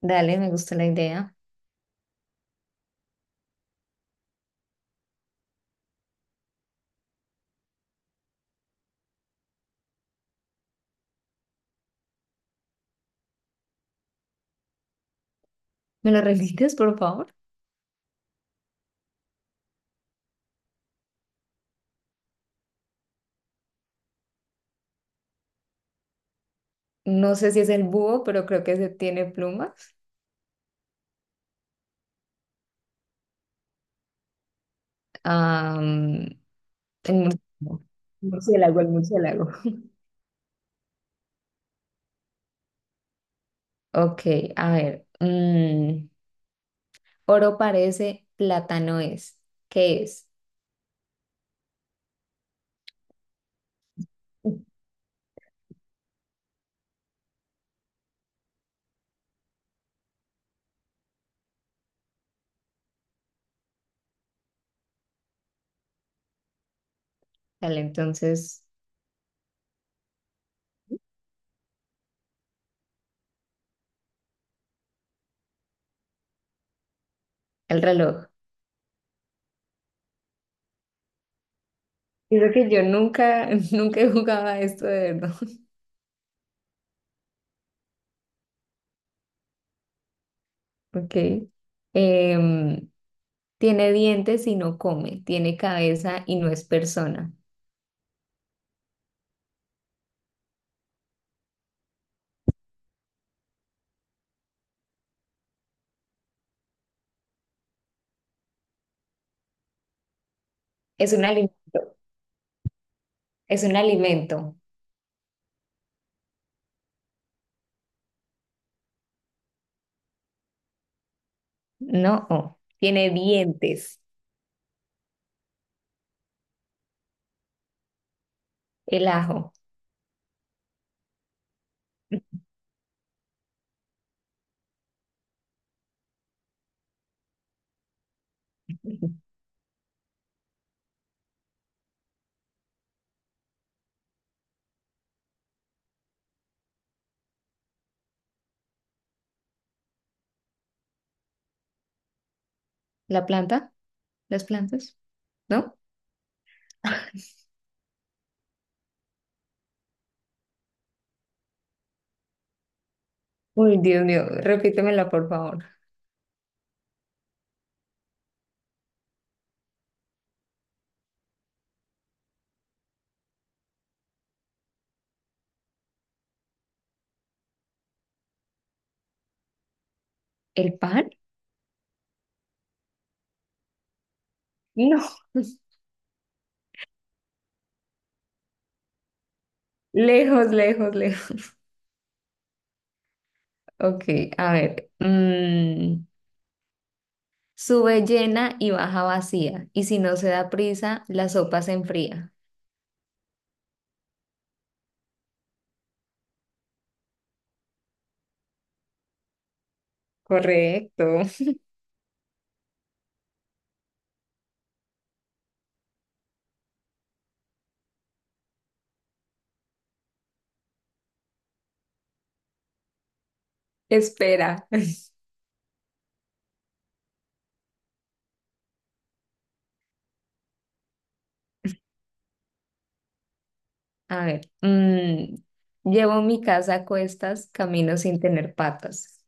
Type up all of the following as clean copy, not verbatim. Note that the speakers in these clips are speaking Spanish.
Dale, me gusta la idea. ¿Me lo repites, por favor? No sé si es el búho, pero creo que se tiene plumas. Am, el murciélago. El murciélago, el murciélago. Ok, a ver. Oro parece, plátano es. ¿Qué es? Dale, entonces, el reloj. Creo que yo nunca, nunca jugaba esto de verdad. Ok. Em, Tiene dientes y no come. Tiene cabeza y no es persona. Es un alimento. Es un alimento. No, oh, tiene dientes. El ajo. ¿La planta? ¿Las plantas? ¿No? Uy, Dios mío, repítemela, por favor. ¿El pan? No. Lejos, lejos, lejos. Ok, a ver. Sube llena y baja vacía. Y si no se da prisa, la sopa se enfría. Correcto. Espera. A ver. mm, Llevo mi casa a cuestas, camino sin tener patas.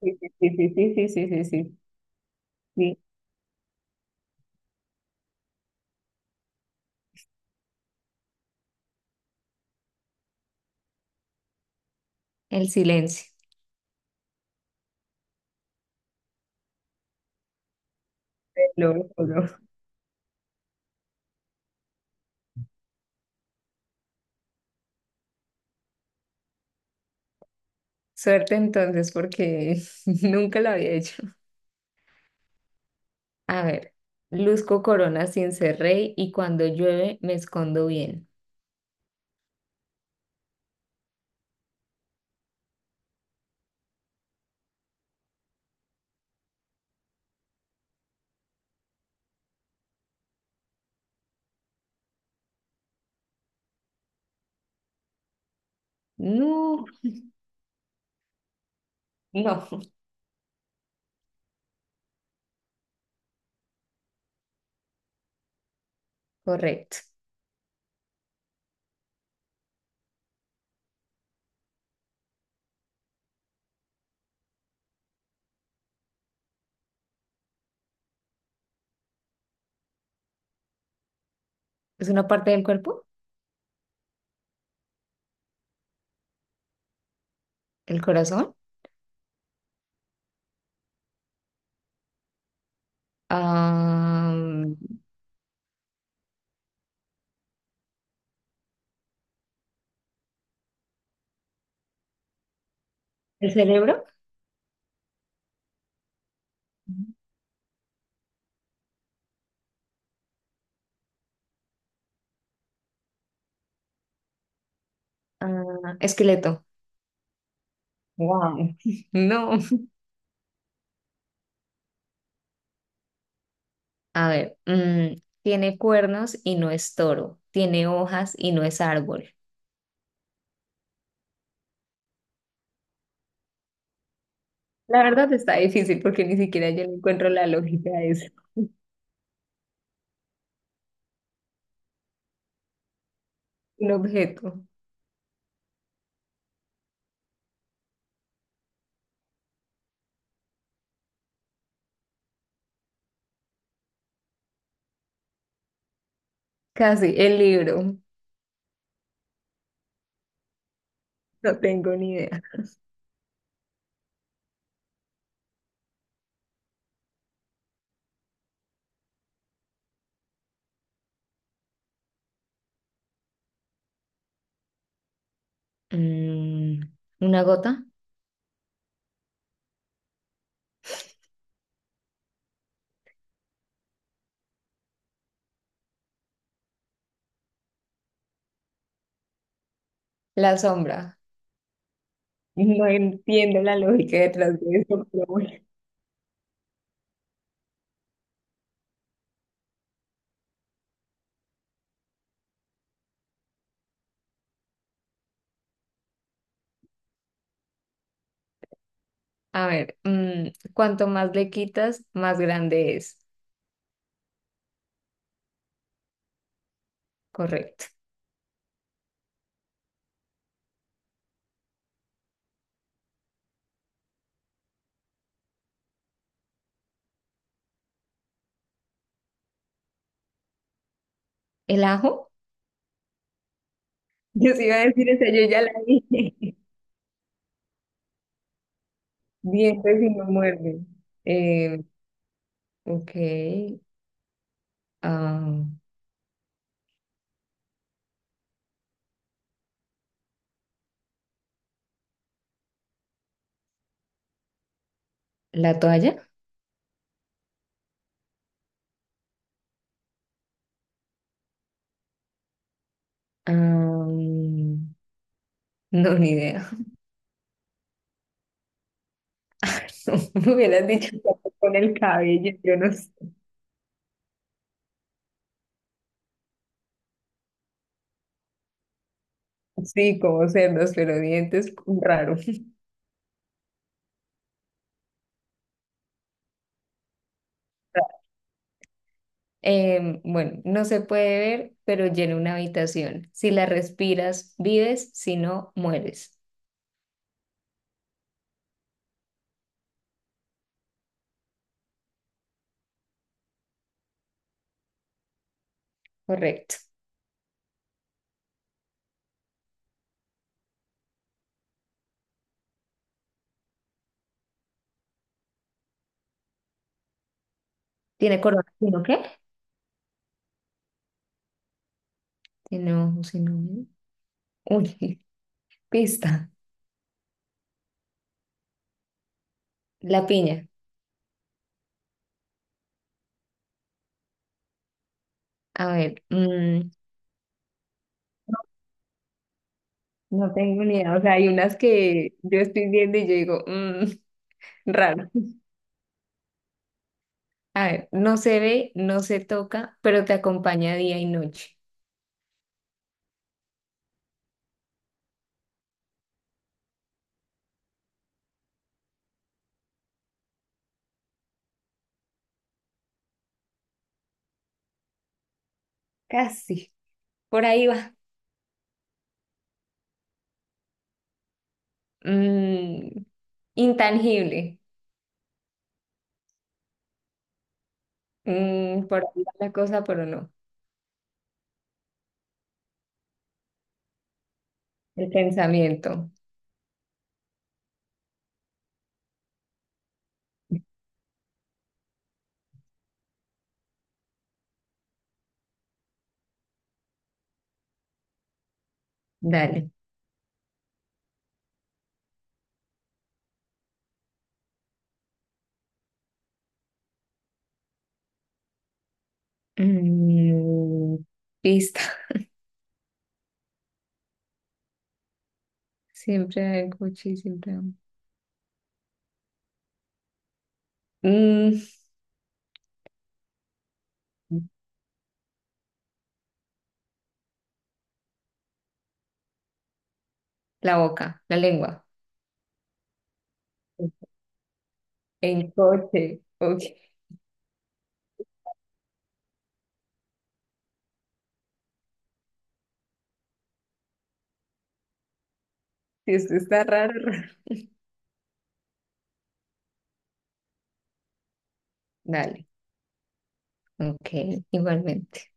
Sí, sí, sí, sí, sí, sí, sí, sí, sí. El silencio. Lo juro. Suerte entonces, porque nunca lo había hecho. A ver, luzco corona sin ser rey y cuando llueve me escondo bien. No, no, correcto. ¿Es una parte del cuerpo? ¿El corazón? Ah, ¿el cerebro? Ah, esqueleto. Wow, no. A ver, mm, tiene cuernos y no es toro. Tiene hojas y no es árbol. La verdad está difícil porque ni siquiera yo le encuentro la lógica a eso. Un objeto, casi, el libro, no tengo ni idea. Mm, ¿una gota? La sombra. No entiendo la lógica detrás de eso, pero bueno. A ver, cuanto más le quitas, más grande es. Correcto. ¿El ajo? Yo sí iba a decir esa, yo ya la dije. Dientes y no muerde. Eh, ok. ah, ¿La toalla? Ah, no, ni idea. Me hubieras dicho que con el cabello, yo no sé, sí, como cerdos, pero dientes raro. Bueno, no se puede ver, pero llena una habitación. Si la respiras, vives, si no, mueres. Correcto. ¿Tiene corona? ¿Si no qué? Si no, si no. Uy, pista. La piña. A ver, mm, no tengo ni idea. O sea, hay unas que yo estoy viendo y yo digo, mm, raro. A ver, no se ve, no se toca, pero te acompaña día y noche. Casi. Por ahí va. Mm, intangible. Mm, por ahí va la cosa, pero no. El pensamiento. Dale. Mm, pista. Siempre hay coche, y siempre hay- Mm, la boca, la lengua. En coche. Ok. Si esto está raro. Raro. Dale. Ok, igualmente.